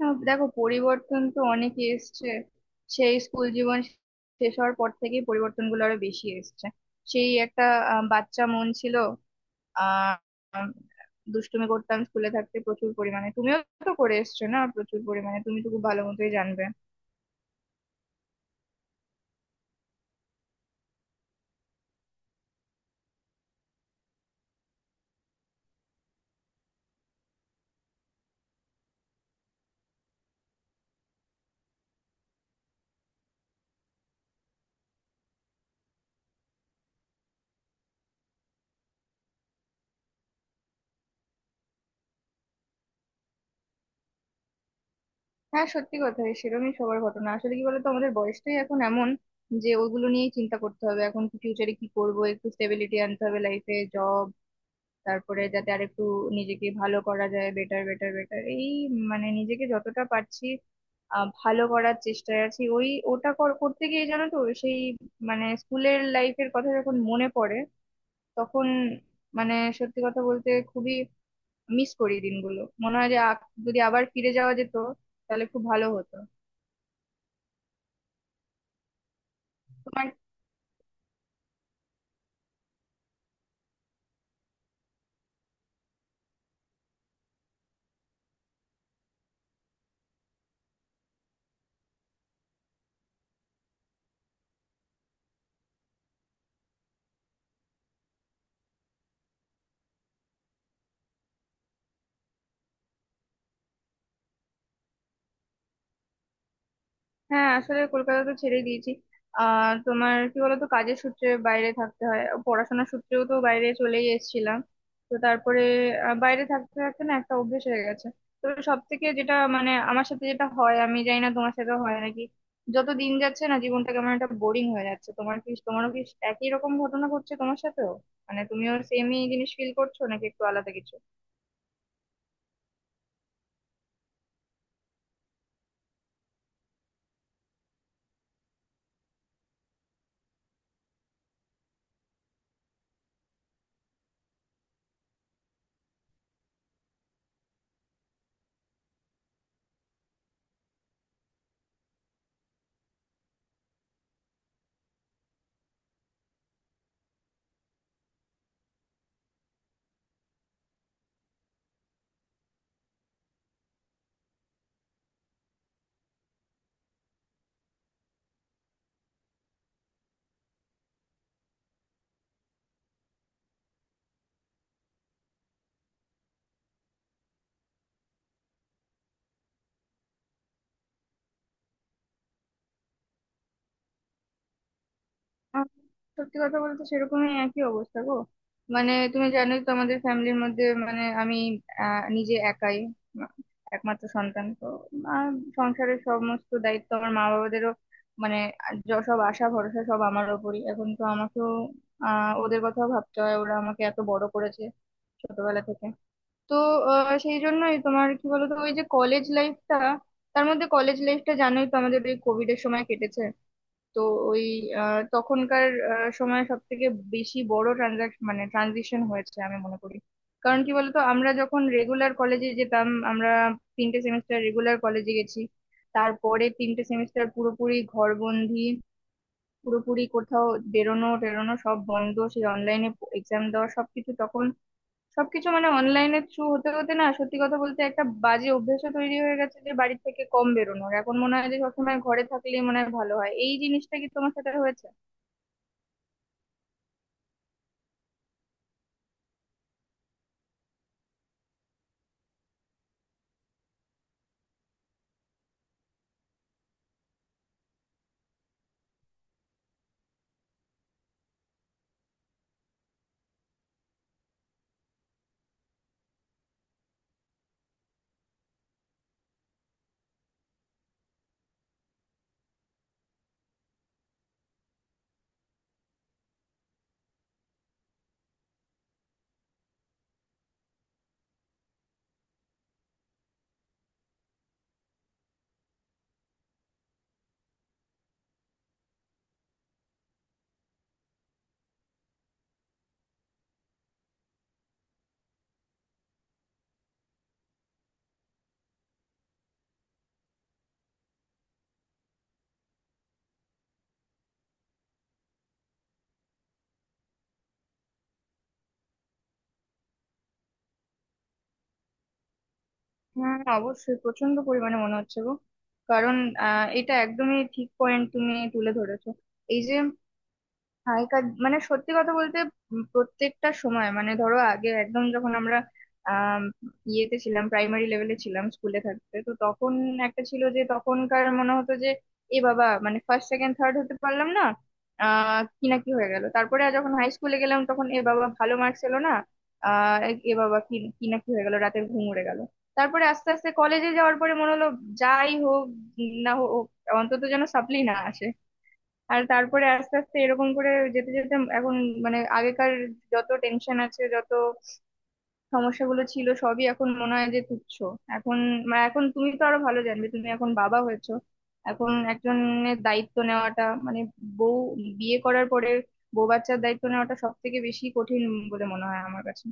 না, দেখো পরিবর্তন তো অনেকই এসছে। সেই স্কুল জীবন শেষ হওয়ার পর থেকেই পরিবর্তনগুলো আরো বেশি এসছে। সেই একটা বাচ্চা মন ছিল। আহ উম, দুষ্টুমি করতাম স্কুলে থাকতে প্রচুর পরিমাণে, তুমিও তো করে এসছো না, প্রচুর পরিমাণে তুমি তো খুব ভালো মতোই জানবে। হ্যাঁ, সত্যি কথা সেরকমই সবার ঘটনা। আসলে কি বলতো, আমাদের বয়সটাই এখন এমন যে ওগুলো নিয়েই চিন্তা করতে হবে। এখন কি ফিউচারে কি করবো, একটু স্টেবিলিটি আনতে হবে লাইফে, জব, তারপরে যাতে আরেকটু নিজেকে ভালো করা যায়, বেটার বেটার বেটার। এই মানে নিজেকে যতটা পারছি ভালো করার চেষ্টায় আছি। ওই ওটা করতে গিয়ে জানো তো, সেই মানে স্কুলের লাইফের কথা যখন মনে পড়ে তখন মানে সত্যি কথা বলতে খুবই মিস করি দিনগুলো, মনে হয় যে যদি আবার ফিরে যাওয়া যেত তাহলে খুব ভালো হতো। তোমার হ্যাঁ, আসলে কলকাতা তো ছেড়ে দিয়েছি। তোমার কি বলতো, কাজের সূত্রে বাইরে থাকতে হয়, পড়াশোনার সূত্রেও তো বাইরে চলেই এসেছিলাম। তো তারপরে বাইরে থাকতে থাকতে না একটা অভ্যেস হয়ে গেছে। তো সব থেকে যেটা মানে আমার সাথে যেটা হয়, আমি জানি না তোমার সাথে হয় নাকি, যত দিন যাচ্ছে না জীবনটা কেমন একটা বোরিং হয়ে যাচ্ছে। তোমার কি তোমারও কি একই রকম ঘটনা ঘটছে তোমার সাথেও? মানে তুমিও সেমই জিনিস ফিল করছো নাকি একটু আলাদা কিছু? আম, সত্যি কথা বলতে সেরকমই একই অবস্থা গো। মানে তুমি জানোই তো আমাদের ফ্যামিলির মধ্যে, মানে আমি নিজে একাই, মা- একমাত্র সন্তান তো। আর সংসারের সমস্ত দায়িত্ব আমার মা বাবাদেরও, মানে সব আশা ভরসা সব আমার ওপরই। এখন তো আমাকেও ওদের কথাও ভাবতে হয়, ওরা আমাকে এত বড় করেছে ছোটবেলা থেকে। তো সেই জন্যই তোমার কি বলতো, ওই যে কলেজ লাইফটা, তার মধ্যে কলেজ লাইফটা জানোই তো আমাদের ওই কোভিড এর সময় কেটেছে। তো ওই তখনকার সময় সব থেকে বেশি বড় ট্রানজাকশন মানে ট্রানজিশন হয়েছে আমি মনে করি। কারণ কি বলতো, আমরা যখন রেগুলার কলেজে যেতাম, আমরা তিনটে সেমিস্টার রেগুলার কলেজে গেছি। তারপরে তিনটে সেমিস্টার পুরোপুরি ঘরবন্দি, পুরোপুরি কোথাও বেরোনো টেরোনো সব বন্ধ, সেই অনলাইনে এক্সাম দেওয়া সবকিছু তখন, সবকিছু মানে অনলাইনের থ্রু হতে হতে না সত্যি কথা বলতে একটা বাজে অভ্যেসও তৈরি হয়ে গেছে যে বাড়ি থেকে কম বেরোনোর। এখন মনে হয় যে সবসময় ঘরে থাকলেই মনে হয় ভালো হয়। এই জিনিসটা কি তোমার সাথে হয়েছে? হ্যাঁ অবশ্যই, প্রচন্ড পরিমাণে মনে হচ্ছে গো। কারণ এটা একদমই ঠিক পয়েন্ট তুমি তুলে ধরেছো। এই যে আগেকার মানে সত্যি কথা বলতে প্রত্যেকটা সময়, মানে ধরো আগে একদম যখন আমরা আম, ইয়েতে ছিলাম, প্রাইমারি লেভেলে ছিলাম, স্কুলে থাকতে তো তখন একটা ছিল যে তখনকার মনে হতো যে এ বাবা মানে ফার্স্ট সেকেন্ড থার্ড হতে পারলাম না। কি না কি হয়ে গেল। তারপরে আর যখন হাই স্কুলে গেলাম তখন এ বাবা ভালো মার্কস এলো না। আহ এ বাবা কি কি না কি হয়ে গেল, রাতের ঘুম উড়ে গেল। তারপরে আস্তে আস্তে কলেজে যাওয়ার পরে মনে হলো, যাই হোক না হোক অন্তত যেন সাপ্লি না আসে। আর তারপরে আস্তে আস্তে এরকম করে যেতে যেতে এখন মানে আগেকার যত টেনশন আছে, যত সমস্যাগুলো ছিল সবই এখন মনে হয় যে তুচ্ছ। এখন মানে এখন তুমি তো আরো ভালো জানবে, তুমি এখন বাবা হয়েছো। এখন একজনের দায়িত্ব নেওয়াটা মানে বউ, বিয়ে করার পরে বউ বাচ্চার দায়িত্ব নেওয়াটা সব থেকে বেশি কঠিন বলে মনে হয় আমার কাছে।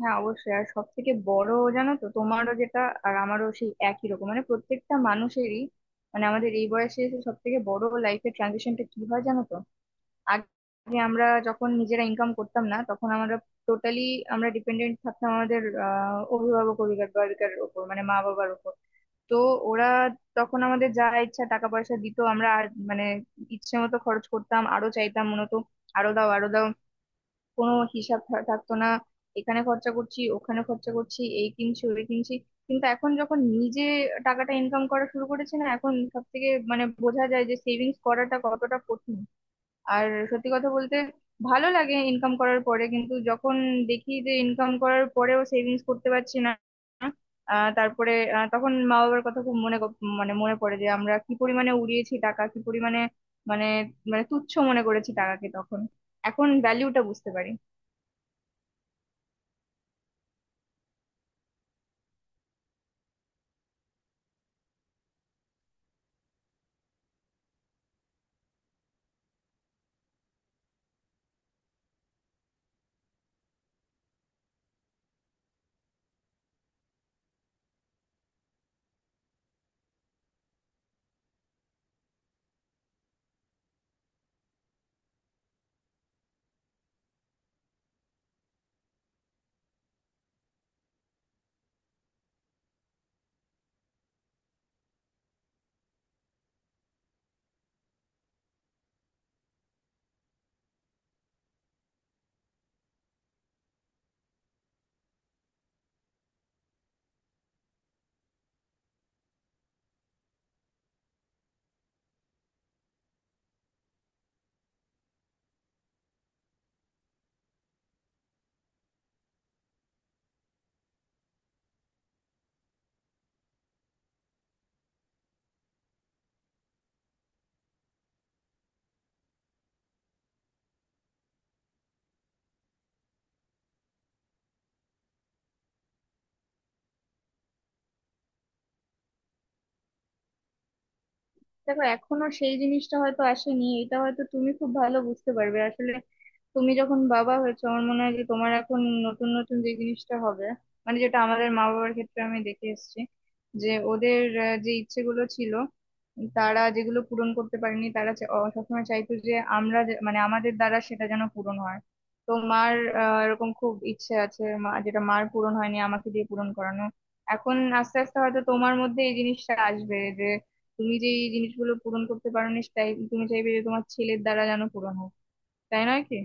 হ্যাঁ অবশ্যই। আর সব থেকে বড় জানো তো, তোমারও যেটা আর আমারও সেই একই রকম, মানে প্রত্যেকটা মানুষেরই। মানে আমাদের এই বয়সে এসে সব থেকে বড় লাইফের ট্রানজিশনটা কি হয় জানো তো, আগে আমরা যখন নিজেরা ইনকাম করতাম না তখন আমরা টোটালি, আমরা ডিপেন্ডেন্ট থাকতাম আমাদের অভিভাবক অভিভাবিকার ওপর, মানে মা বাবার ওপর। তো ওরা তখন আমাদের যা ইচ্ছা টাকা পয়সা দিত, আমরা আর মানে ইচ্ছে মতো খরচ করতাম, আরো চাইতাম মূলত, আরো দাও আরো দাও, কোনো হিসাব থাকতো না। এখানে খরচা করছি ওখানে খরচা করছি এই কিনছি ওই কিনছি। কিন্তু এখন যখন নিজে টাকাটা ইনকাম করা শুরু করেছে না, এখন সব থেকে মানে বোঝা যায় যে সেভিংস করাটা কতটা কঠিন। আর সত্যি কথা বলতে ভালো লাগে ইনকাম করার পরে, কিন্তু যখন দেখি যে ইনকাম করার পরেও সেভিংস করতে পারছি না, তারপরে তখন মা বাবার কথা খুব মনে মানে মনে পড়ে যে আমরা কি পরিমাণে উড়িয়েছি টাকা, কি পরিমাণে মানে মানে তুচ্ছ মনে করেছি টাকাকে তখন। এখন ভ্যালিউটা বুঝতে পারি। দেখো এখনো সেই জিনিসটা হয়তো আসেনি, এটা হয়তো তুমি খুব ভালো বুঝতে পারবে। আসলে তুমি যখন বাবা হয়েছো, আমার মনে হয় যে তোমার এখন নতুন নতুন যে জিনিসটা হবে, মানে যেটা আমাদের মা বাবার ক্ষেত্রে আমি দেখে এসেছি, যে ওদের যে ইচ্ছেগুলো ছিল তারা যেগুলো পূরণ করতে পারেনি, তারা সবসময় চাইতো যে আমরা মানে আমাদের দ্বারা সেটা যেন পূরণ হয়। তো মার এরকম খুব ইচ্ছে আছে, মা যেটা মার পূরণ হয়নি আমাকে দিয়ে পূরণ করানো। এখন আস্তে আস্তে হয়তো তোমার মধ্যে এই জিনিসটা আসবে যে তুমি যে এই জিনিসগুলো পূরণ করতে পারোনি তাই তুমি চাইবে যে তোমার ছেলের দ্বারা যেন পূরণ হোক। তাই নয় কি?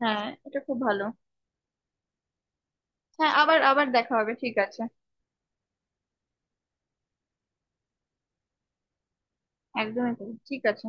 হ্যাঁ এটা খুব ভালো। হ্যাঁ, আবার আবার দেখা হবে, ঠিক আছে। একদমই তাই, ঠিক আছে।